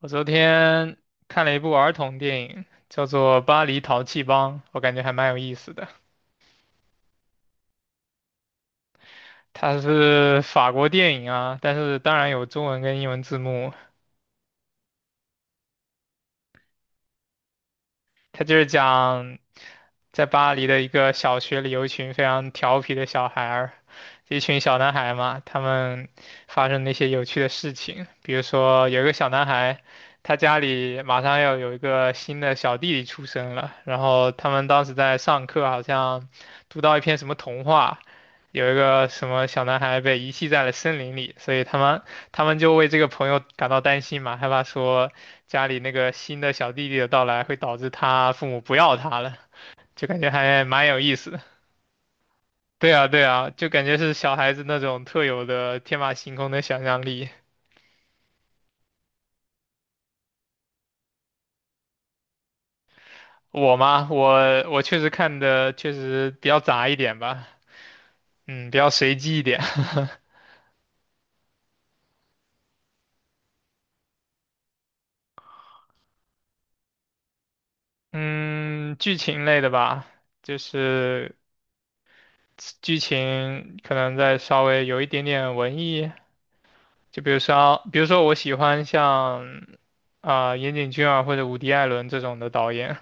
我昨天看了一部儿童电影，叫做《巴黎淘气帮》，我感觉还蛮有意思的。它是法国电影啊，但是当然有中文跟英文字幕，他就是讲在巴黎的一个小学里有一群非常调皮的小孩儿，一群小男孩嘛，他们发生那些有趣的事情，比如说有一个小男孩，他家里马上要有一个新的小弟弟出生了，然后他们当时在上课，好像读到一篇什么童话。有一个什么小男孩被遗弃在了森林里，所以他们就为这个朋友感到担心嘛，害怕说家里那个新的小弟弟的到来会导致他父母不要他了，就感觉还蛮有意思的。对啊，对啊，就感觉是小孩子那种特有的天马行空的想象力。我嘛，我确实看的确实比较杂一点吧，嗯，比较随机一点。嗯，剧情类的吧，就是剧情可能再稍微有一点点文艺，就比如说，比如说我喜欢像岩井俊二或者伍迪·艾伦这种的导演，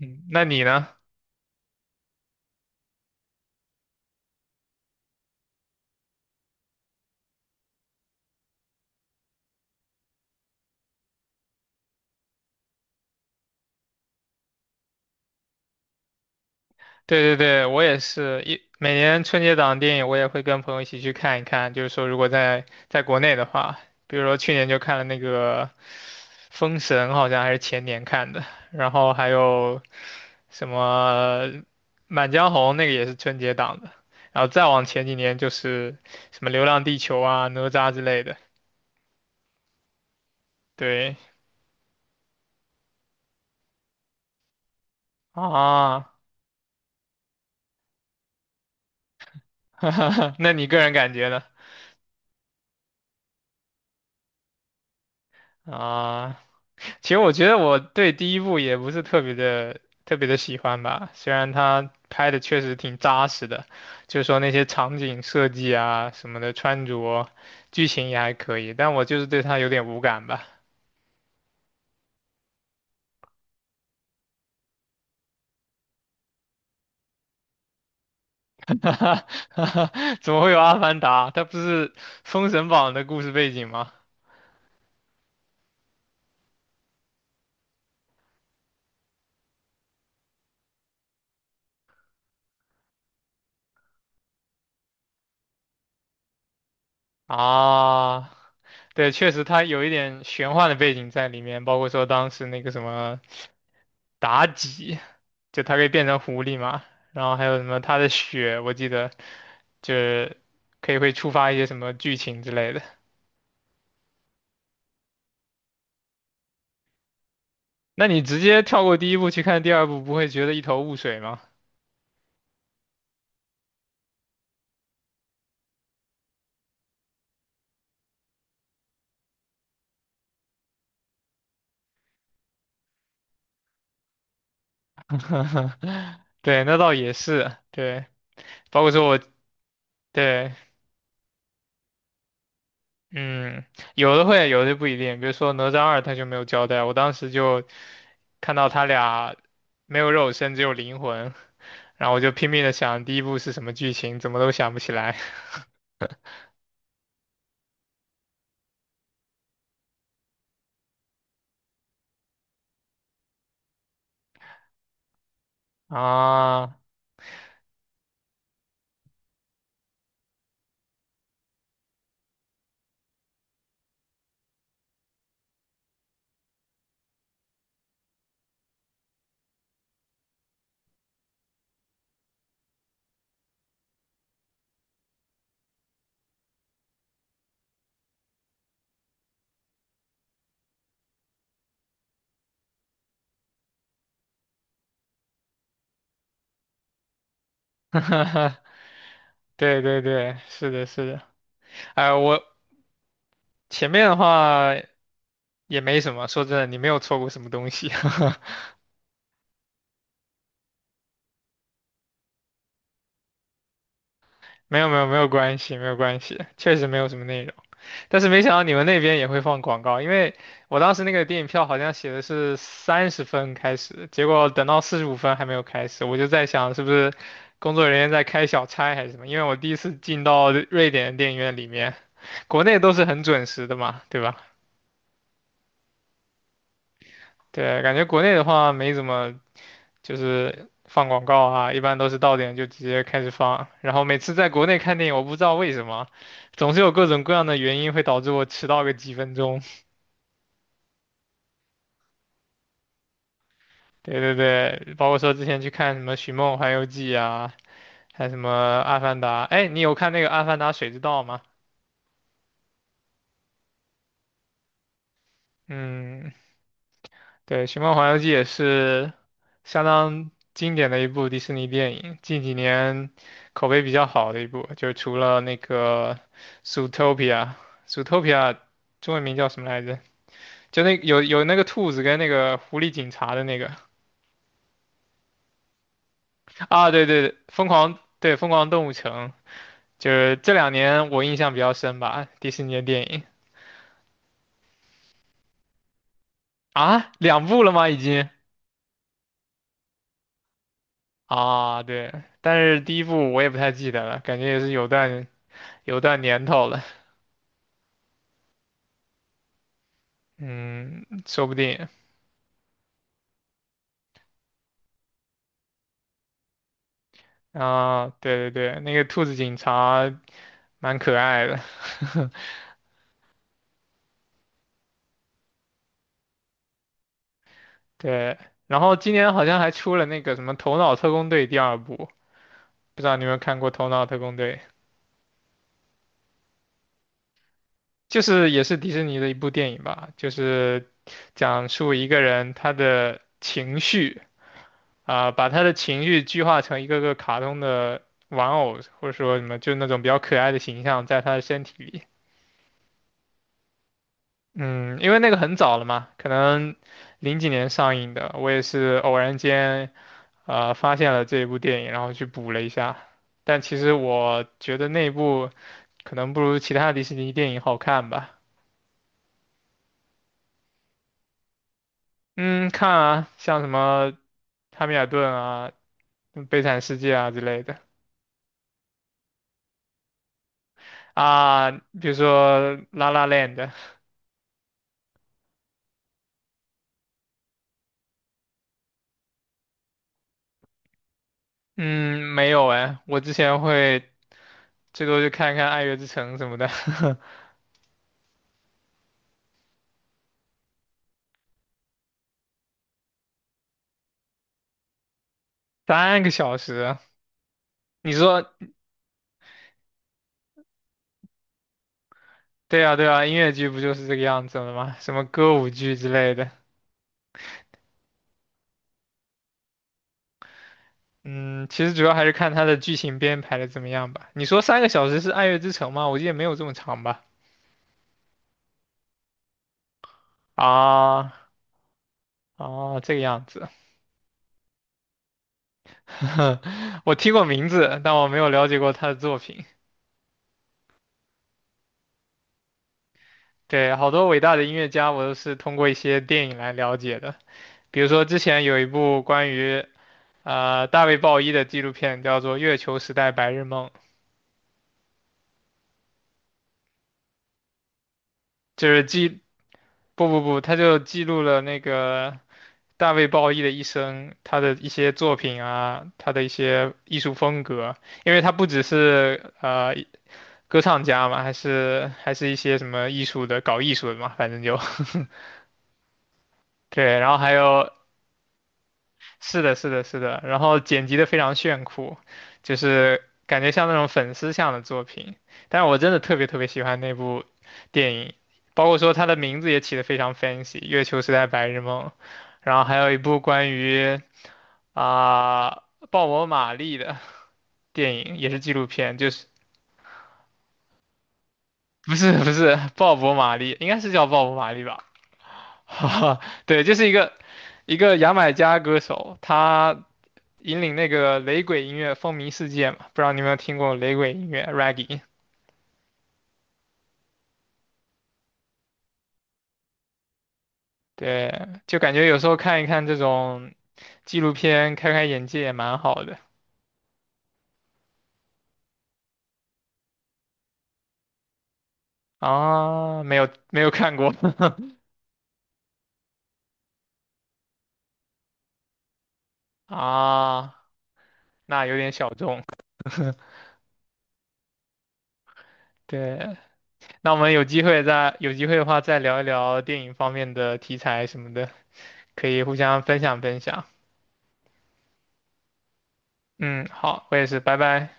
嗯，那你呢？对对对，我也是每年春节档电影，我也会跟朋友一起去看一看。就是说，如果在国内的话，比如说去年就看了那个《封神》，好像还是前年看的，然后还有什么《满江红》，那个也是春节档的。然后再往前几年就是什么《流浪地球》啊、《哪吒》之类的。对啊。那你个人感觉呢？啊。其实我觉得我对第一部也不是特别的特别的喜欢吧，虽然它拍的确实挺扎实的，就是说那些场景设计啊什么的穿着，剧情也还可以，但我就是对它有点无感吧。怎么会有《阿凡达》？它不是《封神榜》的故事背景吗？啊，对，确实它有一点玄幻的背景在里面，包括说当时那个什么妲己，就它可以变成狐狸嘛。然后还有什么它的血，我记得就是可以会触发一些什么剧情之类的。那你直接跳过第一部去看第二部，不会觉得一头雾水吗？对，那倒也是，对，包括说我对，嗯，有的会，有的不一定。比如说哪吒二，他就没有交代，我当时就看到他俩没有肉身，只有灵魂，然后我就拼命的想第一部是什么剧情，怎么都想不起来。啊。对对对，是的，是的。哎，我前面的话也没什么，说真的，你没有错过什么东西。没有没有没有关系，没有关系，确实没有什么内容。但是没想到你们那边也会放广告，因为我当时那个电影票好像写的是30分开始，结果等到45分还没有开始，我就在想是不是工作人员在开小差还是什么？因为我第一次进到瑞典的电影院里面，国内都是很准时的嘛，对吧？对，感觉国内的话没怎么就是放广告啊，一般都是到点就直接开始放。然后每次在国内看电影，我不知道为什么，总是有各种各样的原因会导致我迟到个几分钟。对对对，包括说之前去看什么《寻梦环游记》啊，还有什么《阿凡达》。哎，你有看那个《阿凡达：水之道》吗？嗯，对，《寻梦环游记》也是相当经典的一部迪士尼电影，近几年口碑比较好的一部，就除了那个《Zootopia》，《Zootopia》中文名叫什么来着？就那有那个兔子跟那个狐狸警察的那个啊，对对，对疯狂对疯狂动物城，就是这2年我印象比较深吧，迪士尼的电影啊，2部了吗？已经啊，对，但是第一部我也不太记得了，感觉也是有段年头了。嗯，说不定啊，对对对，那个兔子警察蛮可爱的。对。然后今年好像还出了那个什么《头脑特工队》第二部，不知道你有没有看过《头脑特工队》，就是也是迪士尼的一部电影吧，就是讲述一个人他的情绪啊，把他的情绪具化成一个个卡通的玩偶，或者说什么就那种比较可爱的形象，在他的身体里。嗯，因为那个很早了嘛，可能零几年上映的，我也是偶然间发现了这一部电影，然后去补了一下。但其实我觉得那一部可能不如其他迪士尼电影好看吧。嗯，看啊，像什么《汉密尔顿》啊、悲惨世界》啊之类的啊，比如说《La La n d 嗯，没有哎，我之前会最多就看看《爱乐之城》什么的。三个小时啊。你说对啊，对啊，音乐剧不就是这个样子了吗？什么歌舞剧之类的。嗯，其实主要还是看它的剧情编排的怎么样吧。你说三个小时是《爱乐之城》吗？我记得没有这么长吧？啊啊，这个样子。我听过名字，但我没有了解过他的作品。对，好多伟大的音乐家，我都是通过一些电影来了解的。比如说之前有一部关于大卫鲍伊的纪录片，叫做《月球时代白日梦》，就是记不不不，他就记录了那个大卫鲍伊的一生，他的一些作品啊，他的一些艺术风格，因为他不只是歌唱家嘛，还是一些什么艺术的，搞艺术的嘛，反正就。 对。然后还有，是的，是的，是的，然后剪辑的非常炫酷，就是感觉像那种粉丝向的作品。但是我真的特别特别喜欢那部电影，包括说它的名字也起得非常 fancy，《月球时代白日梦》，然后还有一部关于。啊，鲍勃·马利的电影也是纪录片，就是不是不是鲍勃·马利，应该是叫鲍勃·马利吧？哈哈，对，就是一个牙买加歌手，他引领那个雷鬼音乐风靡世界嘛，不知道你有没有听过雷鬼音乐 （Reggae）？对，就感觉有时候看一看这种纪录片，开开眼界也蛮好的啊。没有没有看过。 啊，那有点小众。对，那我们有机会的话再聊一聊电影方面的题材什么的，可以互相分享分享。嗯，好，我也是，拜拜。